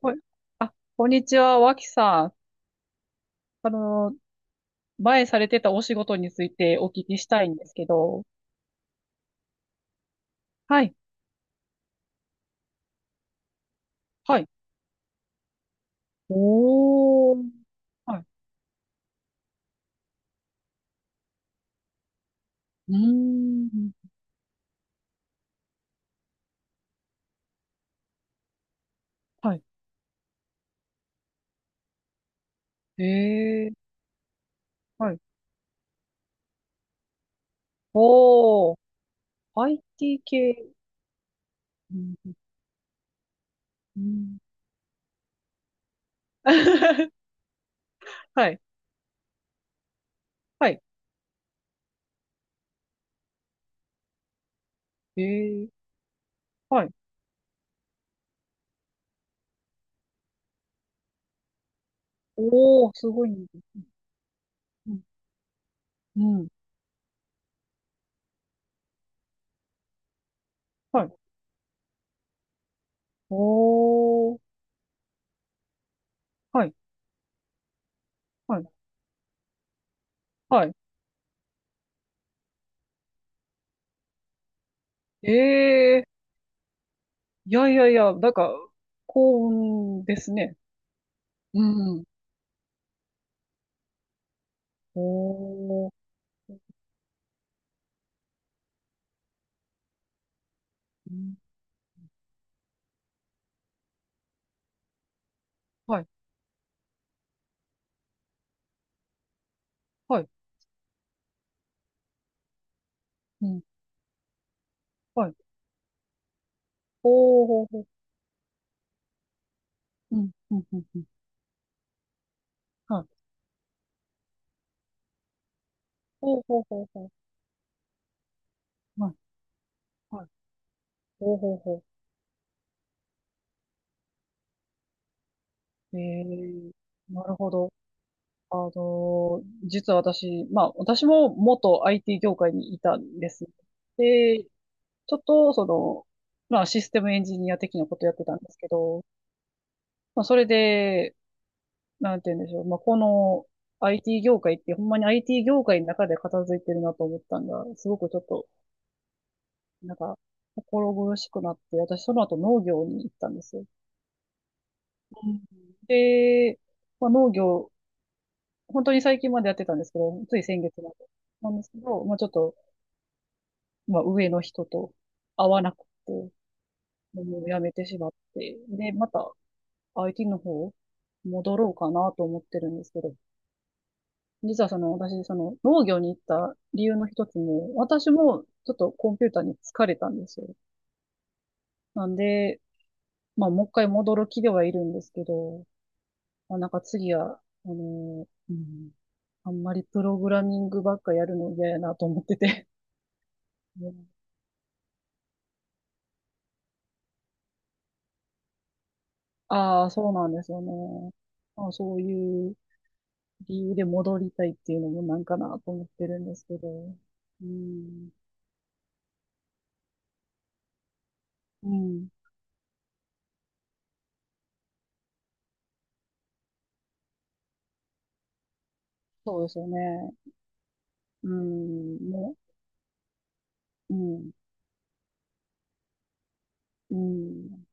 こあ、こんにちは、脇さん。あの、前されてたお仕事についてお聞きしたいんですけど。はい、はい。おー、はい。うーん、はい。えー、はい。おー、IT 系。うんうん。 はい、はい。えー、はい。おー、すごいね。うん、うん、はい。おー、はい、はい、はい。えー、いやいやいや、なんか、幸運ですね。うん。おー。うん、はい、はい、うん。はい。おうほうほう。うん。うん。うん。うん。はい。おうほうほうほう。はいはい。おうほうほう。えー、なるほど。実は私、まあ、私も元 IT 業界にいたんです。で、ちょっと、その、まあ、システムエンジニア的なことやってたんですけど、まあ、それで、なんて言うんでしょう。まあ、この IT 業界って、ほんまに IT 業界の中で片付いてるなと思ったんが、すごくちょっと、なんか、心苦しくなって、私その後農業に行ったんですよ。うん。で、まあ、農業、本当に最近までやってたんですけど、つい先月まで。なんですけど、まあ、ちょっと、まあ、上の人と会わなくて、もう辞めてしまって、で、また IT の方戻ろうかなと思ってるんですけど、実はその私、その農業に行った理由の一つも、私もちょっとコンピューターに疲れたんですよ。なんで、まあもう一回戻る気ではいるんですけど、まあ、なんか次は、うん、あんまりプログラミングばっかやるの嫌やなと思ってて。うん。ああ、そうなんですよね。まあ、そういう理由で戻りたいっていうのもなんかなと思ってるんですけど。うん、うん、そうですよね。うん、ね、うん、うん。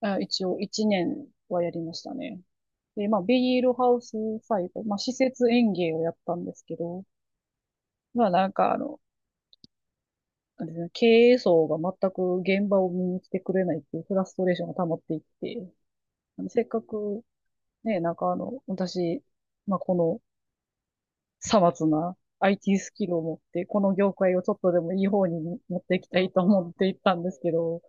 あ、一応1年はやりましたね。で、まあ、ビニールハウス最後、まあ、施設園芸をやったんですけど、まあ、なんかあの、なんですね、経営層が全く現場を見に来てくれないっていうフラストレーションが溜まっていって、あのせっかくね、なんかあの、私、まあ、このさまつな IT スキルを持って、この業界をちょっとでもいい方に持っていきたいと思っていったんですけど、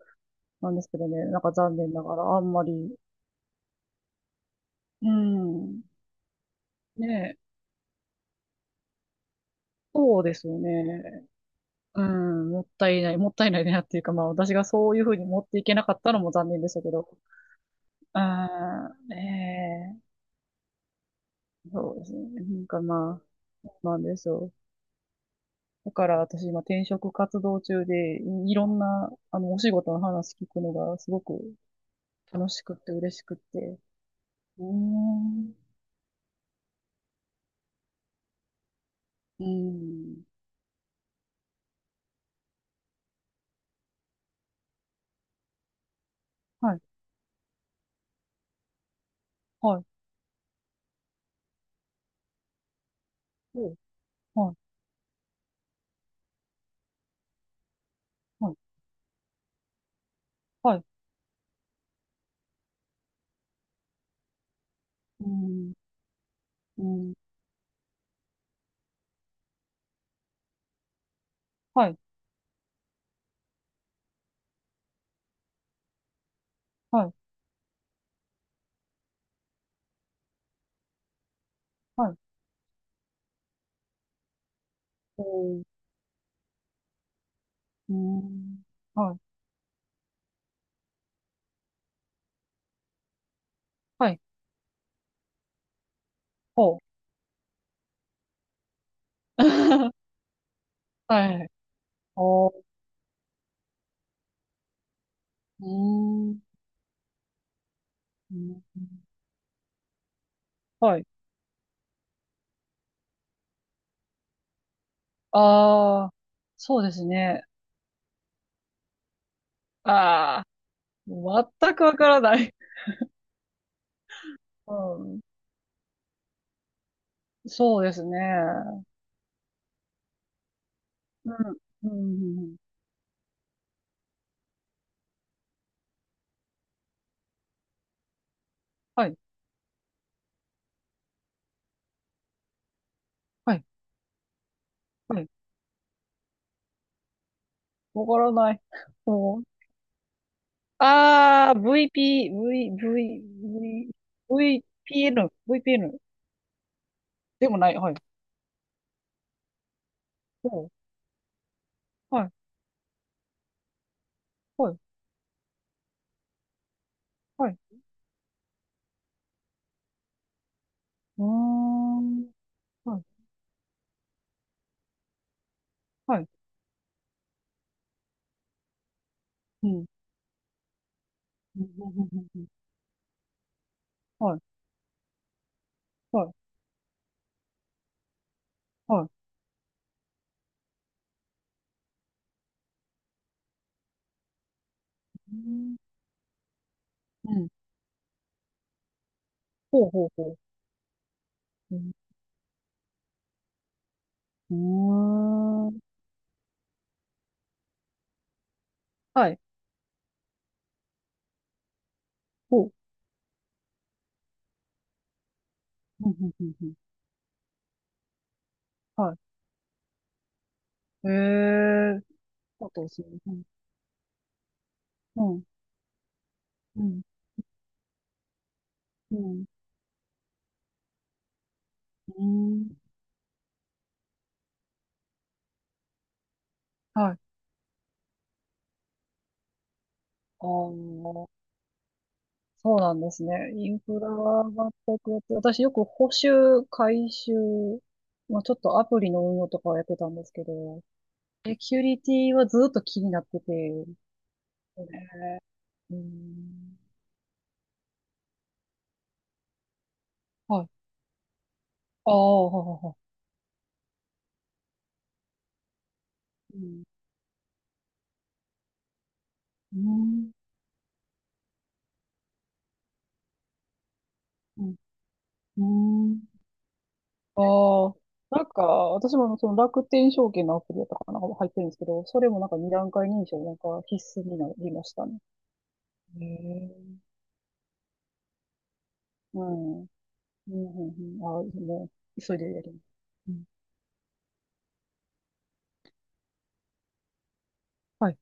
なんですけどね、なんか残念ながらあんまり、うん、ねえ、そうですよね。うん、もったいない、もったいないなっていうか、まあ私がそういうふうに持っていけなかったのも残念でしたけど。ああ、ええ、そうですね。なんかまあ、そうなんですよ。だから私今転職活動中で、いろんな、あの、お仕事の話聞くのがすごく楽しくって嬉しくって。うーん、うん、はい、はい、お、はい、はい、はい、うん、うん、はい、はい、はい、おー、うーん、はい、はい、ほう。はい。おー、うーん。うん、はい。ああ、そうですね。ああ、全くわからない。うん。そうですね。うん。うん。うん、はい。はい。はい。わからない。もう。ああ、VP、V、V、V、VPN、VPN でもない。はい。おう、はい。はい。はい。うーん。はい。はい。うん。うんうんうんうん。はい。はい。はい。うーん。うん。ほうほうほう。うん。うーん。はい。ほう。うん、うん、うん、うん。はい。へえー。あとですね。うん。うん。うん。うん。うん、はい。ああ、そうなんですね。インフラが全くやって、私よく補修、改修、まあ、ちょっとアプリの運用とかをやってたんですけど、セキュリティはずっと気になってて、ね、うん。はい。ああ、ははは。うん。うん。うん。うん。ああ、なんか、私もあのその楽天証券のアプリだったかな、入ってるんですけど、それもなんか二段階認証なんか必須になりましたね。へえ、うん。うん、うん、うん。ああ、もう、急いでやります。うん。はい。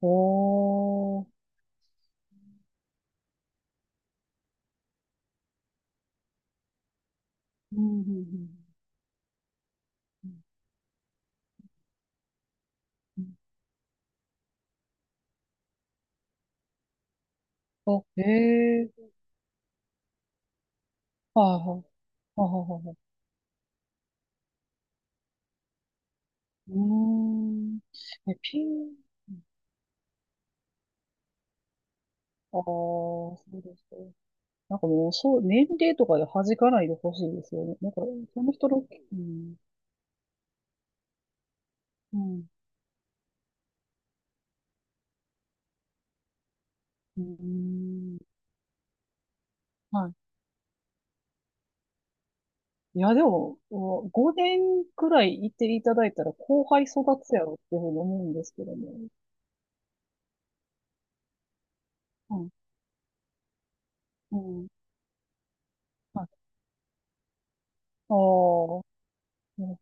おー。うん、うん、うん。うんうん、あ、ええー。はいはい。はいはいはい。うーん。え、ピン。ああ、そうですか。なんかもう、そう、年齢とかで弾かないでほしいですよね。なんか、その人の、うん、うん。うーん。はい。いや、でも、お5年くらいいていただいたら後輩育つやろっていうふうに思うんですけどね。うん。うん。はい。ああ、うん、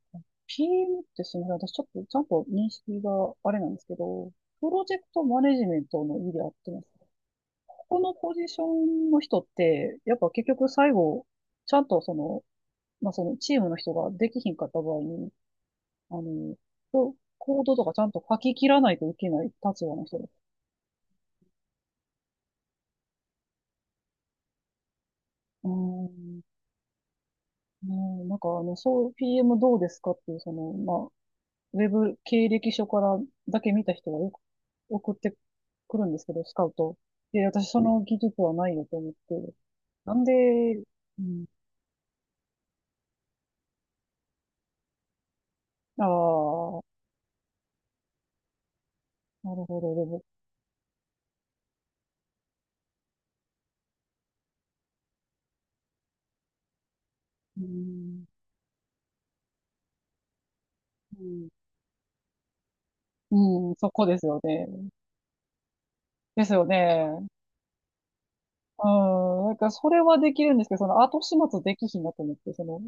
PM ってすみません。私ちょっとちゃんと認識があれなんですけど、プロジェクトマネジメントの意味で合ってます。ここのポジションの人って、やっぱ結局最後、ちゃんとその、まあ、そのチームの人ができひんかった場合に、あの、コードとかちゃんと書き切らないといけない立場の人です。うーん、ねえ、なんかあの、そう、PM どうですかっていう、その、まあ、ウェブ経歴書からだけ見た人がよく送ってくるんですけど、スカウト。で、私その技術はないよと思って。なんで、うん、ああ、なるほど、でも、うん、うん、うん、そこですよね。ですよね。うん、なんかそれはできるんですけど、その後始末できひんなと思って、その、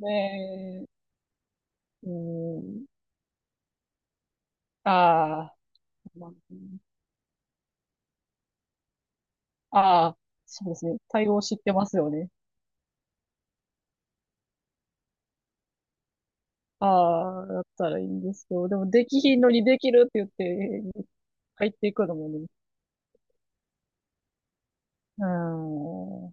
ねえ、うん、ああ、まあ、ああ、そうですね。対応知ってますよね。ああ、だったらいいんですけど、でもできひんのにできるって言って、入っていくのもね、うん、あ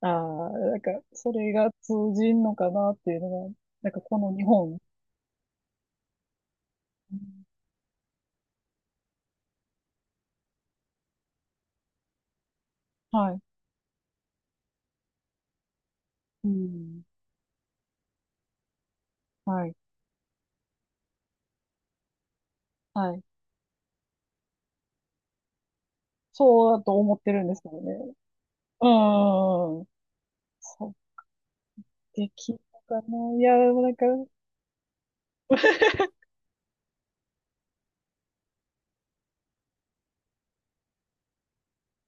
あ、なんか、それが通じんのかなっていうのが、なんかこの日本、うん、はい、うん、はい、はい。そうだと思ってるんですけどね。うん、そう、できるのかな。いや、なんか、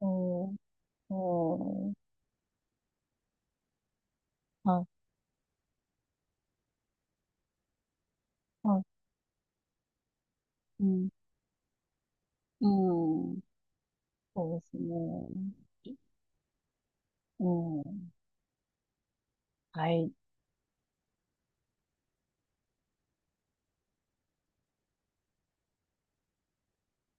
うん、うん。はい。はい。うん。うん。そうですね。うん。はい。